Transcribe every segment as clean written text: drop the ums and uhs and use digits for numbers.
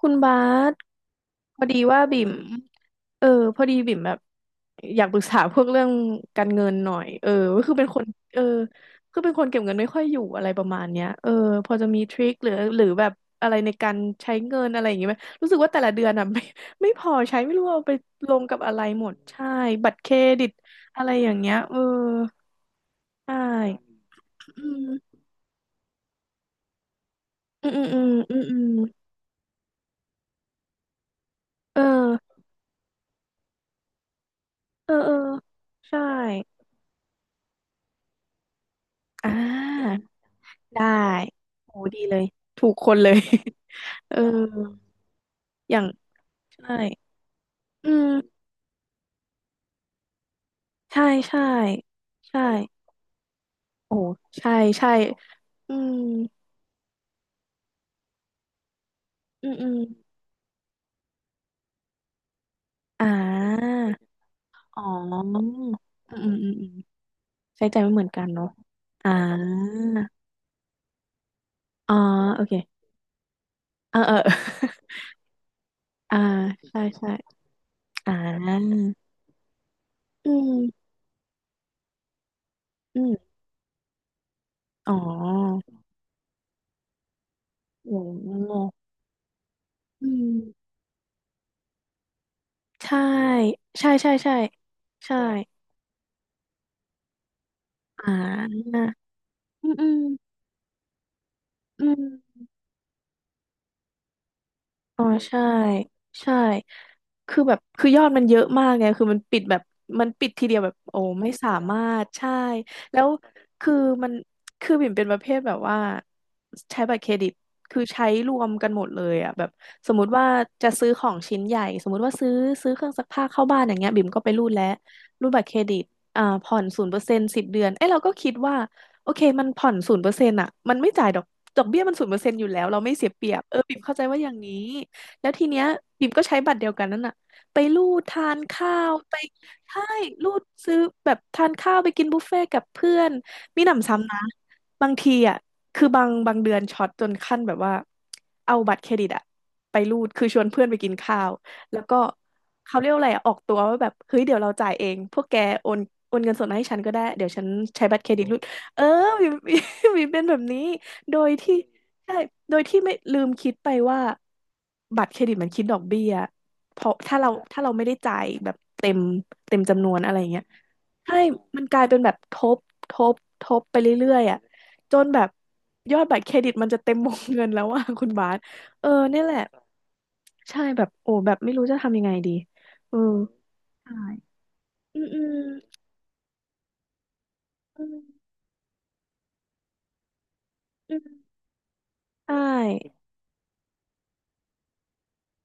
คุณบาสพอดีว่าบิ่มเออพอดีบิ่มแบบอยากปรึกษาพวกเรื่องการเงินหน่อยเออก็คือเป็นคนเออคือเป็นคนเก็บเงินไม่ค่อยอยู่อะไรประมาณเนี้ยเออพอจะมีทริคหรือแบบอะไรในการใช้เงินอะไรอย่างเงี้ยไหมรู้สึกว่าแต่ละเดือนอ่ะ ไม่พอใช้ไม่รู้ว่าเอาไปลงกับอะไรหมดใช่บัตรเครดิตอะไรอย่างเงี้ยเออใช่อืมอืมอืมอืมอืมอืมเออเออเออใช่อ่า ได้โหดีเลย ถูกคนเลย เอออย่างใช่อืมใช่ ใช่ใช่ โอ้ใช่ใช่อืมอืมอืมอ่าอ๋ออืมอืมอืมอืมใช้ใจไม่เหมือนกันเนาะอ่าอ๋อโอเคเออเออ อ่าใช่ใช่อ่าอืมอืมอ๋อโอ้อืมใช่ใช่ใช่ใช่ใช่ อ่าอืมอืมอืม อ๋อใช่ใช่คือแบบคือยอดมันเยอะมากไงคือมันปิดแบบมันปิดทีเดียวแบบโอ้ไม่สามารถใช่แล้วคือมันคือบิ่มเป็นประเภทแบบว่าใช้บัตรเครดิตคือใช้รวมกันหมดเลยอ่ะแบบสมมติว่าจะซื้อของชิ้นใหญ่สมมติว่าซื้อเครื่องซักผ้าเข้าบ้านอย่างเงี้ยบิ่มก็ไปรูดแล้วรูดบัตรเครดิตอ่าผ่อน0% 10 เดือนเอ้ยเราก็คิดว่าโอเคมันผ่อนศูนย์เปอร์เซ็นต์อ่ะมันไม่จ่ายดอกดอกเบี้ยมันศูนย์เปอร์เซ็นต์อยู่แล้วเราไม่เสียเปรียบเออบิมเข้าใจว่าอย่างนี้ แล้วทีเนี้ยบิมก็ใช้บัตรเดียวกันนั่นน่ะไปลูดทานข้าวไปใช่ลูดซื้อแบบทานข้าวไปกินบุฟเฟ่ต์กับเพื่อนมีหนำซ้ำนะบางทีอ่ะคือบางเดือนช็อตจนขั้นแบบว่าเอาบัตรเครดิตอ่ะไปรูดคือชวนเพื่อนไปกินข้าวแล้วก็เขาเรียกว่าอะไรอะออกตัวว่าแบบเฮ้ยเดี๋ยวเราจ่ายเองพวกแกโอนโอนเงินสดมาให้ฉันก็ได้เดี๋ยวฉันใช้บัตรเครดิตรูดเออมี มีเป็นแบบนี้โดยที่ ใช่ โดยที่ไม่ลืมคิดไปว่าบัตรเครดิตมันคิดดอกเบี้ยเพราะถ้าเราไม่ได้จ่ายแบบเต็มเต็มจำนวนอะไรเงี้ยใช่มันกลายเป็นแบบทบทบทบไปเรื่อยๆอ่ะจนแบบยอดบัตรเครดิตมันจะเต็มวงเงินแล้วว่า คุณบาสเออเนี่ยแหละใช่แบบโอ้แบบไม่รู้จะทำยังไงดีเอออืมอืมอืมอืมใช่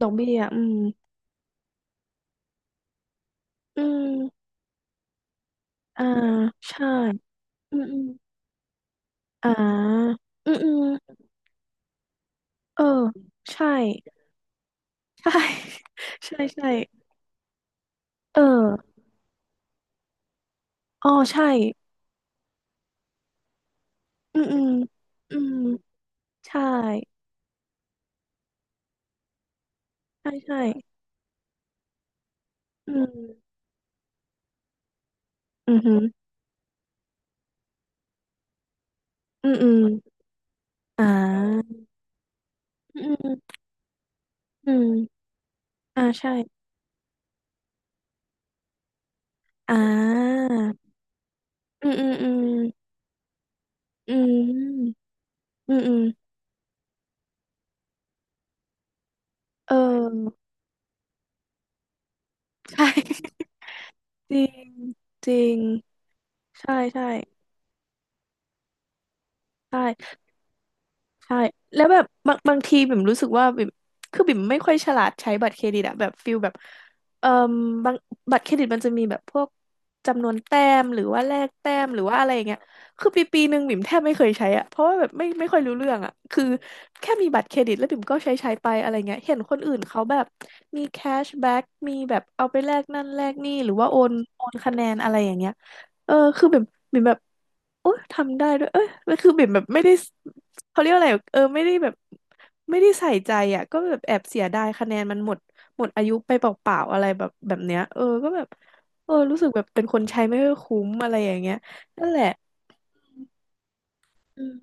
ดอกเบี้ยอืมอืมอ่าใช่อืมอืมอ่าอืมอืม เออใช่ใช่ ใช่ใช่เอออ๋อใช่อืมอืมอืมใช่ใช่ใช่อืมอืมอหืออืมอืมอ่าอืมอืมอ่าใช่อ่าอืมอืมอืมอืมอืมอืมเออใช่ จริงจริงใช่ใช่ใช่ ใช่แล้วแบบบางทีบิ่มรู้สึกว่าบิ่มคือบิ่มไม่ค่อยฉลาดใช้บัตรเครดิตอะแบบฟิลแบบเอ่มบางบัตรเครดิตมันจะมีแบบพวกจำนวนแต้มหรือว่าแลกแต้มหรือว่าอะไรอย่างเงี้ยคือปีหนึ่งบิ่มแทบไม่เคยใช้อะเพราะว่าแบบไม่ค่อยรู้เรื่องอะคือแค่มีบัตรเครดิตแล้วบิ่มก็ใช้ใช้ไปอะไรเงี้ยเห็นคนอื่นเขาแบบมีแคชแบ็กมีแบบเอาไปแลกนั่นแลกนี่หรือว่าโอนโอนคะแนนอะไรอย่างเงี้ย เออคือแบบบิ่มแบบโอ๊ยทำได้ด้วยเอ้ยแล้วคือบิ่มแบบไม่ได้เขาเรียกว่าอะไรเออไม่ได้แบบไม่ได้ใส่ใจอ่ะก็แบบแอบเสียดายคะแนนมันหมดหมดอายุไปเปล่าๆอะไรแบบแบบเนี้ยเออก็แบบเออรู้สึกแบบเป็นคนใช้ไม่ค่อยคุ้มอะไรอย่างเงี้ยนั่นแหละอืม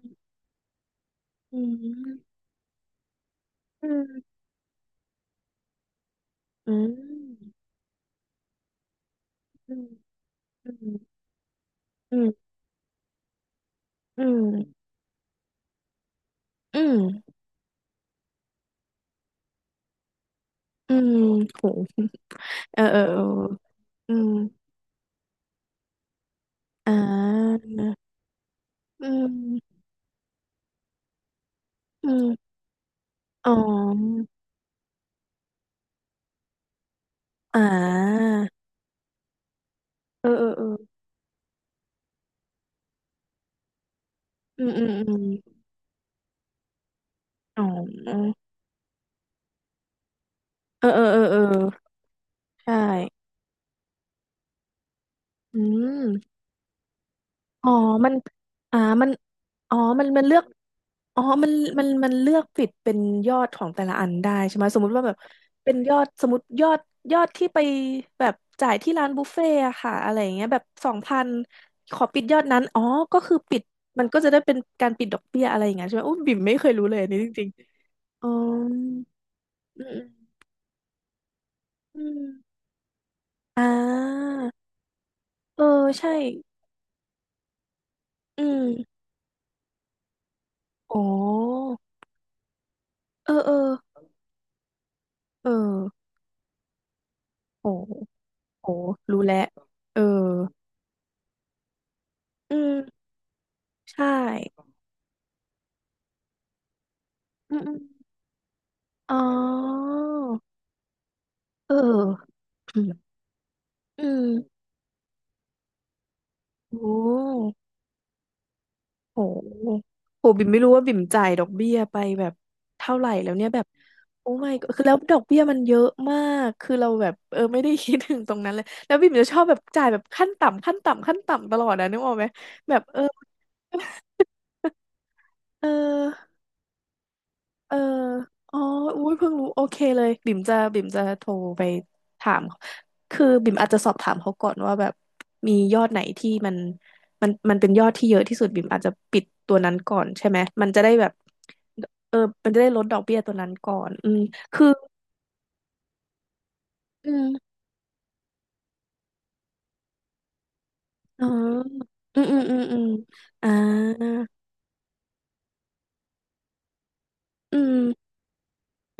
อืมอืมอืมอืมอืมอืมอืมอืมอืมโหเออเออเอออืมอ่าอืมอืม อ๋ออ่าเออเออเอออืมอืมอืมอ๋อเออเออเออเออ ใช่อืมอ๋อมันอ่ามันอ๋อมันเลือกอ๋อมันเลือกฟิตเป็นยอดของแต่ละอันได้ใช่ไหมสมมุติว่าแบบเป็นยอดสมมติยอดยอดที่ไปแบบจ่ายที่ร้านบุฟเฟ่ต์อะค่ะอะไรอย่างเงี้ยแบบ2,000ขอปิดยอดนั้นอ๋อก็คือปิดมันก็จะได้เป็นการปิดดอกเบี้ยอะไรอย่างเงี้ยใช่ไหมอุ้ยบิ่มไม่เคยรู้เลยอันนี้จริงๆอ๋ออืม อืม อ่า เออใช่ อืม โอ้ เออเออ เออ โอ้ โอ้ รู้แล้วเอออืมใช่ อืมอมอ๋อเอออืมอืมโอ้ โหโหบิ่มไม่รู้ว่าบิ่มจ่ายดอกเบี้ยไปแบบเท่าไหร่แล้วเนี่ยแบบโอ้ my god คือแล้วดอกเบี้ยมันเยอะมากคือเราแบบไม่ได้คิดถึงตรงนั้นเลยแล้วบิ่มจะชอบแบบจ่ายแบบขั้นต่ำตลอดนะนึกออกไหมแบบเออ เอออ๋ออุ้ยเพิ่งรู้โอเคเลยบิ่มจะโทรไปถามคือบิ่มอาจจะสอบถามเขาก่อนว่าแบบมียอดไหนที่มันเป็นยอดที่เยอะที่สุดบิ่มอาจจะปิดตัวนั้นก่อนใช่ไหมมันจะได้แบบเออมันจะได้ลดดอกเบี้ยตัวนั้นก่อนอืมคืออืมอ๋ออืมอืมอืมอืมอ่าอืม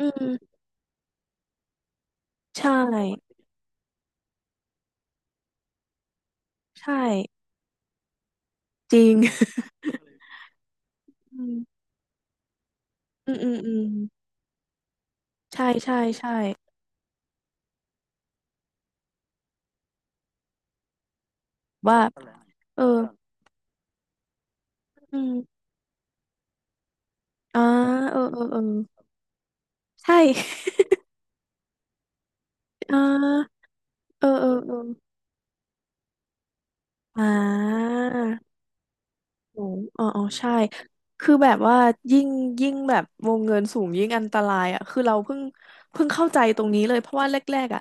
อืมใช่ใช่จริง อืมอืมอืมอืมใช่ใช่ใช่ว่าเออ อืมอ่าเออเออเออใช่ อ่าเออเออเอออ่า อ๋ออ๋ออ๋อ ใช่ คือแบบว่ายิ่ง ยิ่งแบบวงเงินสูงยิ่งอันตรายอ่ะคือเราเพิ่งเข้าใจตรงนี้เลยเพราะว่ากๆอ่ะ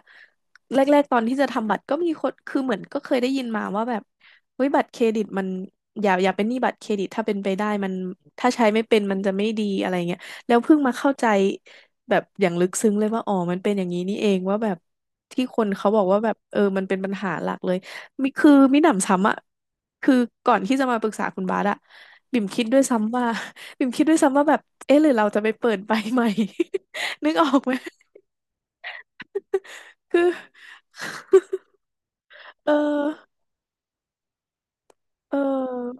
แรกๆตอนที่จะทำบัตรก็มีคนคือเหมือนก็เคยได้ยินมาว่าแบบเฮ้ยบัตรเครดิตมันอย่าเป็นหนี้บัตรเครดิตถ้าเป็นไปได้มันถ้าใช้ไม่เป็นมันจะไม่ดีอะไรเงี้ยแล้วเพิ่งมาเข้าใจแบบอย่างลึกซึ้งเลยว่าอ๋อมันเป็นอย่างนี้นี่เองว่าแบบที่คนเขาบอกว่าแบบเออมันเป็นปัญหาหลักเลย มิคือมิหนำซ้ำอะคือก่อนที่จะมาปรึกษาคุณบาสอะบิ่มคิดด้วยซ้ำว่า บิ่มคิดด้วยซ้ำว่าแบบเอ๊ะหรือเราจะไปเปิดใบใหม่ นึกออกไหมคือเออเออ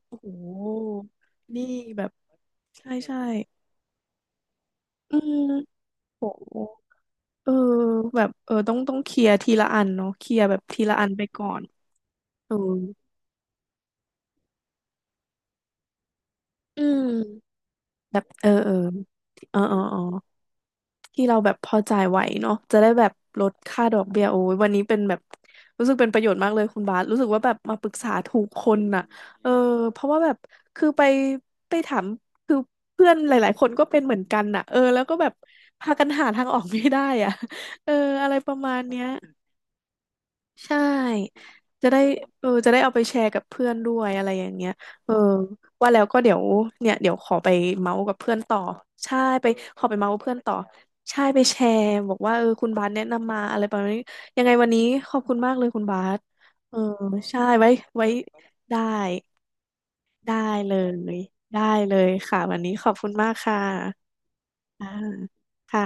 โอ้โหนี่แบบใช่ใช่อืมโหเออแบบเออต้องเคลียร์ทีละอันเนาะเคลียร์แบบทีละอันไปก่อนเอออืมแบบเออเออ ที่เราแบบพอจ่ายไหวเนาะจะได้แบบลดค่าดอกเบี้ยโอ้ยวันนี้เป็นแบบรู้สึกเป็นประโยชน์มากเลยคุณบาสรู้สึกว่าแบบมาปรึกษาถูกคนน่ะเออเพราะว่าแบบคือไปถามคือเพื่อนหลายๆคนก็เป็นเหมือนกันน่ะเออแล้วก็แบบพากันหาทางออกไม่ได้อ่ะ เอออะไรประมาณเนี้ย ใช่ จะได้เออจะได้เอาไปแชร์กับเพื่อนด้วยอะไรอย่างเงี้ยเออว่าแล้วก็เดี๋ยวเนี่ยเดี๋ยวขอไปเมาส์กับเพื่อนต่อใช่ไปขอไปเมาส์กับเพื่อนต่อใช่ไปแชร์บอกว่าเออคุณบาสแนะนำมาอะไรประมาณนี้ยังไงวันนี้ขอบคุณมากเลยคุณบาสเออใช่ไว้ได้ได้เลยได้เลยค่ะวันนี้ขอบคุณมากค่ะอ่าค่ะ